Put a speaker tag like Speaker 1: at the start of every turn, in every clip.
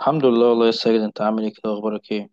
Speaker 1: الحمد لله، والله يا ساجد. انت عامل ايه كده؟ اخبارك ايه؟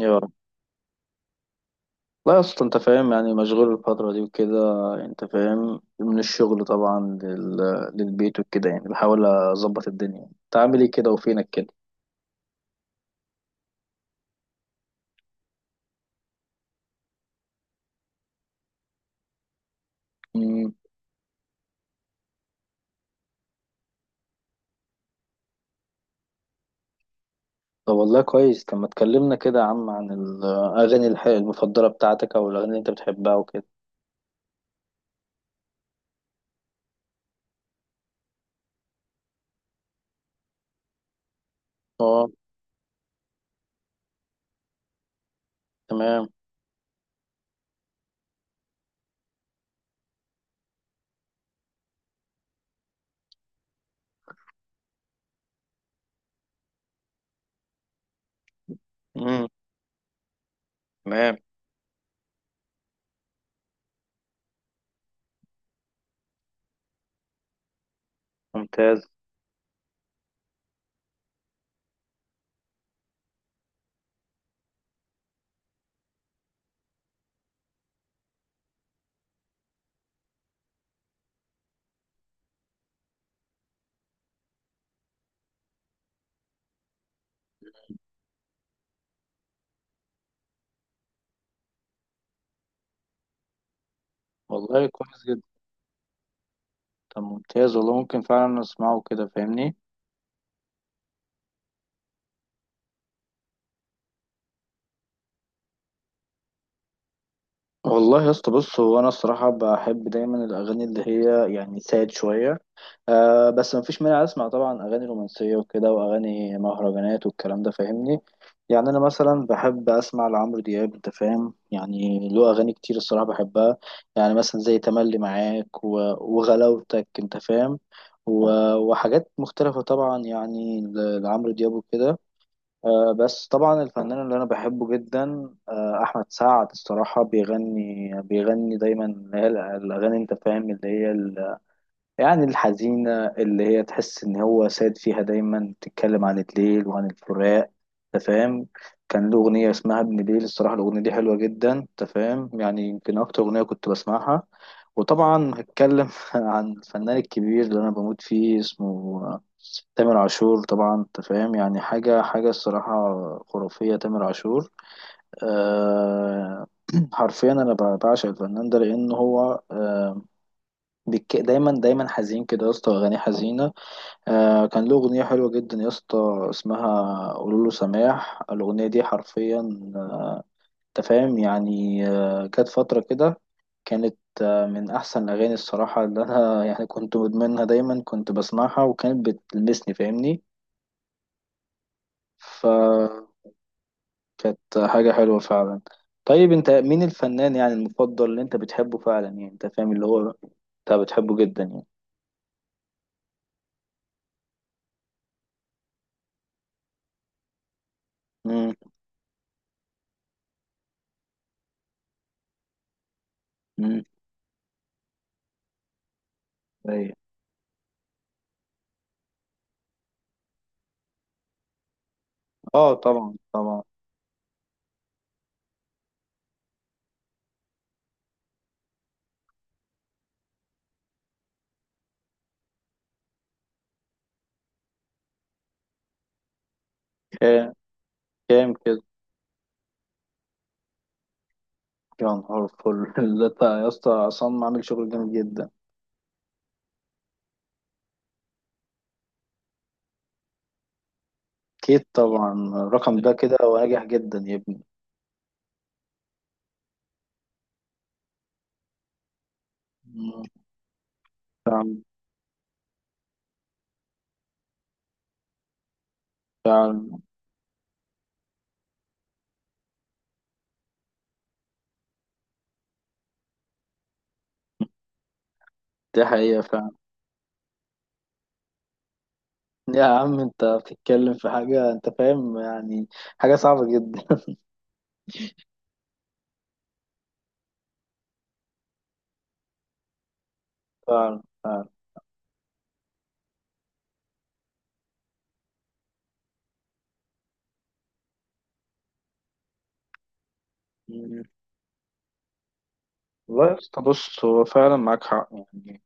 Speaker 1: يا رب. لا، اصلا انت فاهم يعني مشغول الفترة دي وكده. انت فاهم، من الشغل طبعا للبيت وكده، يعني بحاول اظبط الدنيا. انت عامل ايه كده وفينك كده؟ امم. طب والله كويس. طب ما تكلمنا كده يا عم عن الاغاني المفضلة بتاعتك او الاغاني اللي انت بتحبها وكده. اه، تمام. امم. تمام. ممتاز. والله كويس جدا. طب ممتاز والله، ممكن فعلا نسمعه كده فاهمني. والله يا اسطى، بص هو انا الصراحه بحب دايما الاغاني اللي هي يعني ساد شويه. أه بس ما فيش مانع، اسمع طبعا اغاني رومانسيه وكده واغاني مهرجانات والكلام ده فاهمني. يعني انا مثلا بحب اسمع لعمرو دياب، انت فاهم يعني له اغاني كتير الصراحه بحبها. يعني مثلا زي تملي معاك وغلاوتك، انت فاهم، وحاجات مختلفه طبعا يعني لعمرو دياب وكده. بس طبعا الفنان اللي انا بحبه جدا احمد سعد. الصراحه بيغني بيغني دايما اللي هي الاغاني، انت فاهم، اللي هي يعني الحزينة، اللي هي تحس إن هو ساد فيها. دايما بتتكلم عن الليل وعن الفراق، تفهم. كان له أغنية اسمها ابن ليل. الصراحة الأغنية دي حلوة جدا، تفهم، يعني يمكن أكتر أغنية كنت بسمعها. وطبعا هتكلم عن الفنان الكبير اللي أنا بموت فيه. اسمه تامر عاشور طبعا، تفهم يعني. حاجة حاجة الصراحة خرافية، تامر عاشور. أه. حرفيا أنا بعشق الفنان ده، لأن هو دايما دايما حزين كده يا اسطى. اغاني حزينه. كان له اغنيه حلوه جدا يا اسطى، اسمها قولوا له سماح. الاغنيه دي حرفيا، آه، انت فاهم يعني. كانت فتره كده. كانت من احسن الاغاني الصراحه اللي انا يعني كنت مدمنها. دايما كنت بسمعها وكانت بتلمسني فاهمني. فكانت حاجه حلوه فعلا. طيب انت مين الفنان يعني المفضل اللي انت بتحبه فعلا؟ يعني انت فاهم اللي هو انت بتحبه جدا يعني. امم. اه طبعا طبعا. كام؟ كام كده؟ يا نهار فل! يا اسطى عصام عامل شغل جامد جدا. اكيد طبعا الرقم ده كده وناجح جدا يا ابني. مم. دي حقيقة فعلا. يا عم انت بتتكلم في حاجة، انت فاهم يعني، حاجة صعبة جدا. فعلا فعلا. مم. والله يا اسطى بص، هو فعلا معاك حق يعني.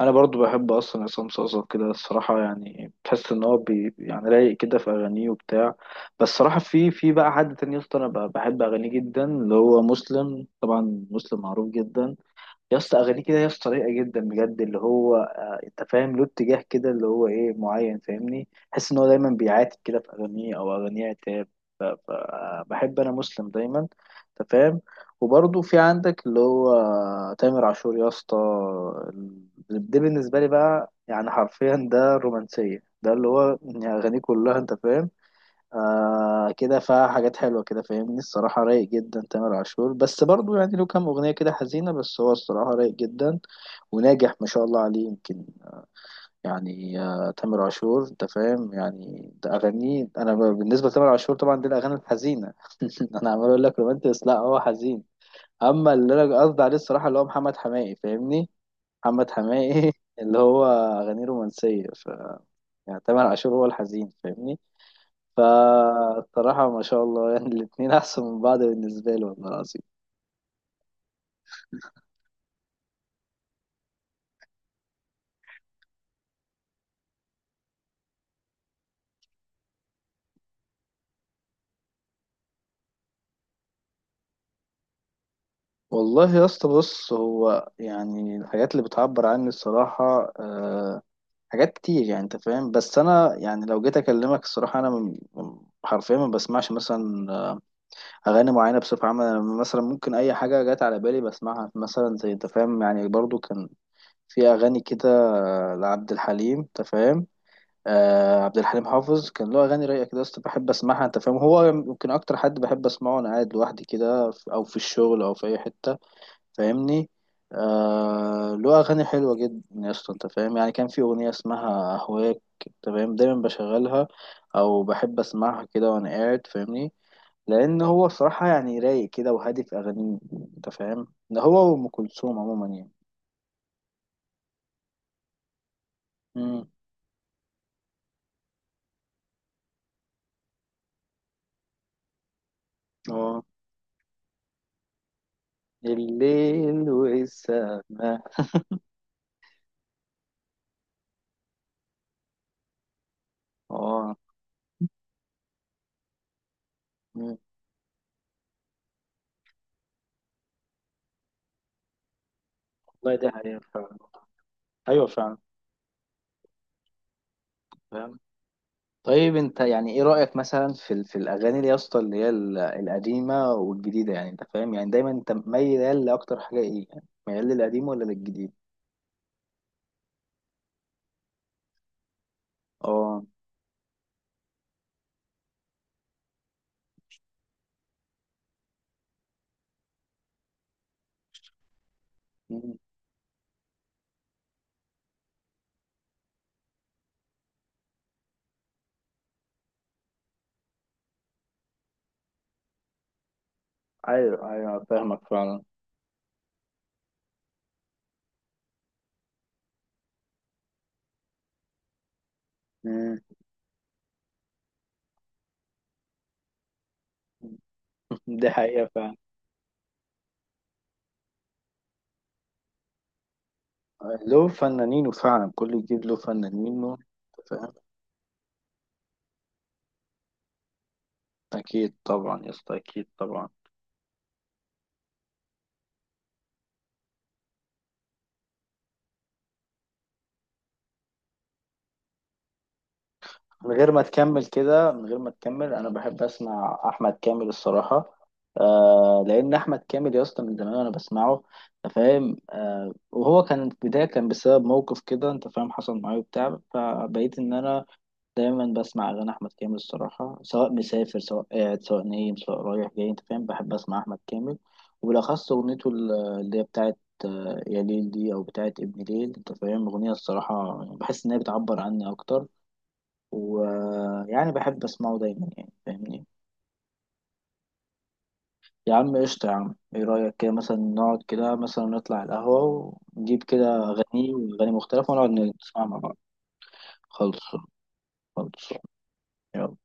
Speaker 1: انا برضو بحب اصلا عصام صاصا كده الصراحه، يعني بحس ان هو يعني رايق كده في اغانيه وبتاع. بس الصراحه في بقى حد تاني يا اسطى، انا بحب اغانيه جدا، اللي هو مسلم طبعا. مسلم معروف جدا يا اسطى، اغانيه كده يا اسطى رايقه جدا بجد، اللي هو انت فاهم له اتجاه كده اللي هو ايه معين، فاهمني، تحس ان هو دايما بيعاتب كده في اغانيه، او اغانيه عتاب. فبحب انا مسلم دايما، انت فاهم. وبرضه في عندك اللي هو تامر عاشور يا اسطى. ال- ده بالنسبه لي بقى يعني حرفيا ده الرومانسيه، ده اللي هو يعني اغانيه كلها انت فاهم كده فيها حاجات حلوة كده فاهمني. الصراحة رايق جدا تامر عاشور، بس برضو يعني له كام أغنية كده حزينة، بس هو الصراحة رايق جدا وناجح ما شاء الله عليه. يمكن يعني تامر عاشور، أنت فاهم يعني، ده أغانيه أنا بالنسبة لتامر عاشور طبعا دي الأغاني الحزينة. أنا عمال أقول لك رومانتس، لا هو حزين. أما اللي أنا قصدي عليه الصراحة اللي هو محمد حماقي، فاهمني، محمد حماقي اللي هو أغانيه رومانسية. يعني تامر عاشور هو الحزين، فاهمني. فالصراحة ما شاء الله يعني الاتنين أحسن من بعض بالنسبة لي، والله العظيم. والله يا اسطى بص، هو يعني الحاجات اللي بتعبر عني الصراحة حاجات كتير، يعني أنت فاهم. بس أنا يعني لو جيت أكلمك الصراحة، أنا حرفيا ما بسمعش مثلا أغاني معينة بصفة عامة. أنا مثلا ممكن أي حاجة جت على بالي بسمعها، مثلا زي أنت فاهم يعني، برضو كان في أغاني كده، لعبد الحليم، أنت فاهم. عبد الحليم حافظ كان له اغاني رايقه كده يا اسطى، بحب اسمعها، انت فاهم. هو يمكن اكتر حد بحب اسمعه وانا قاعد لوحدي كده، او في الشغل او في اي حته فاهمني. له اغاني حلوه جدا يا اسطى، انت فاهم يعني كان في اغنيه اسمها اهواك، انت فاهم، دايما بشغلها او بحب اسمعها كده وانا قاعد فاهمني، لان هو بصراحه يعني رايق كده وهادي في اغانيه، انت فاهم. ده هو وام كلثوم عموما يعني. امم. اه. الليل والسماء. اه. والله دي حقيقة فعلا. أيوة فعلا. فاهم. طيب أنت يعني إيه رأيك مثلا في في الأغاني اللي يا اسطى اللي هي القديمة والجديدة؟ يعني أنت فاهم يعني دايما أنت ميال لأكتر حاجة إيه، يعني ميال للقديم ولا للجديد؟ أه. مم. أيوة أيوة فاهمك فعلا. مم. دي حقيقة فعلا، له فنانينه، فعلا كل جديد له فنانينه، أنت فاهم. أكيد طبعا يا اسطى، أكيد طبعا. من غير ما تكمل كده، من غير ما تكمل، انا بحب اسمع احمد كامل الصراحه. آه لان احمد كامل يا اسطى من زمان وانا بسمعه، أنت فاهم. وهو كان في البدايه، كان بسبب موقف كده انت فاهم حصل معايا وبتاع، فبقيت ان انا دايما بسمع اغاني احمد كامل الصراحه، سواء مسافر سواء قاعد سواء نايم سواء رايح جاي، انت فاهم، بحب اسمع احمد كامل. وبالاخص اغنيته اللي هي بتاعت يا ليل دي، او بتاعت ابن ليل، انت فاهم اغنيه الصراحه يعني بحس ان هي بتعبر عني اكتر، ويعني بحب اسمعه دايما يعني فاهمني. يا عم قشطة يا عم، ايه رأيك كده مثلا نقعد كده مثلا نطلع القهوة ونجيب كده أغاني وأغاني مختلفة ونقعد نسمع مع بعض؟ خلص. خلص. يلا.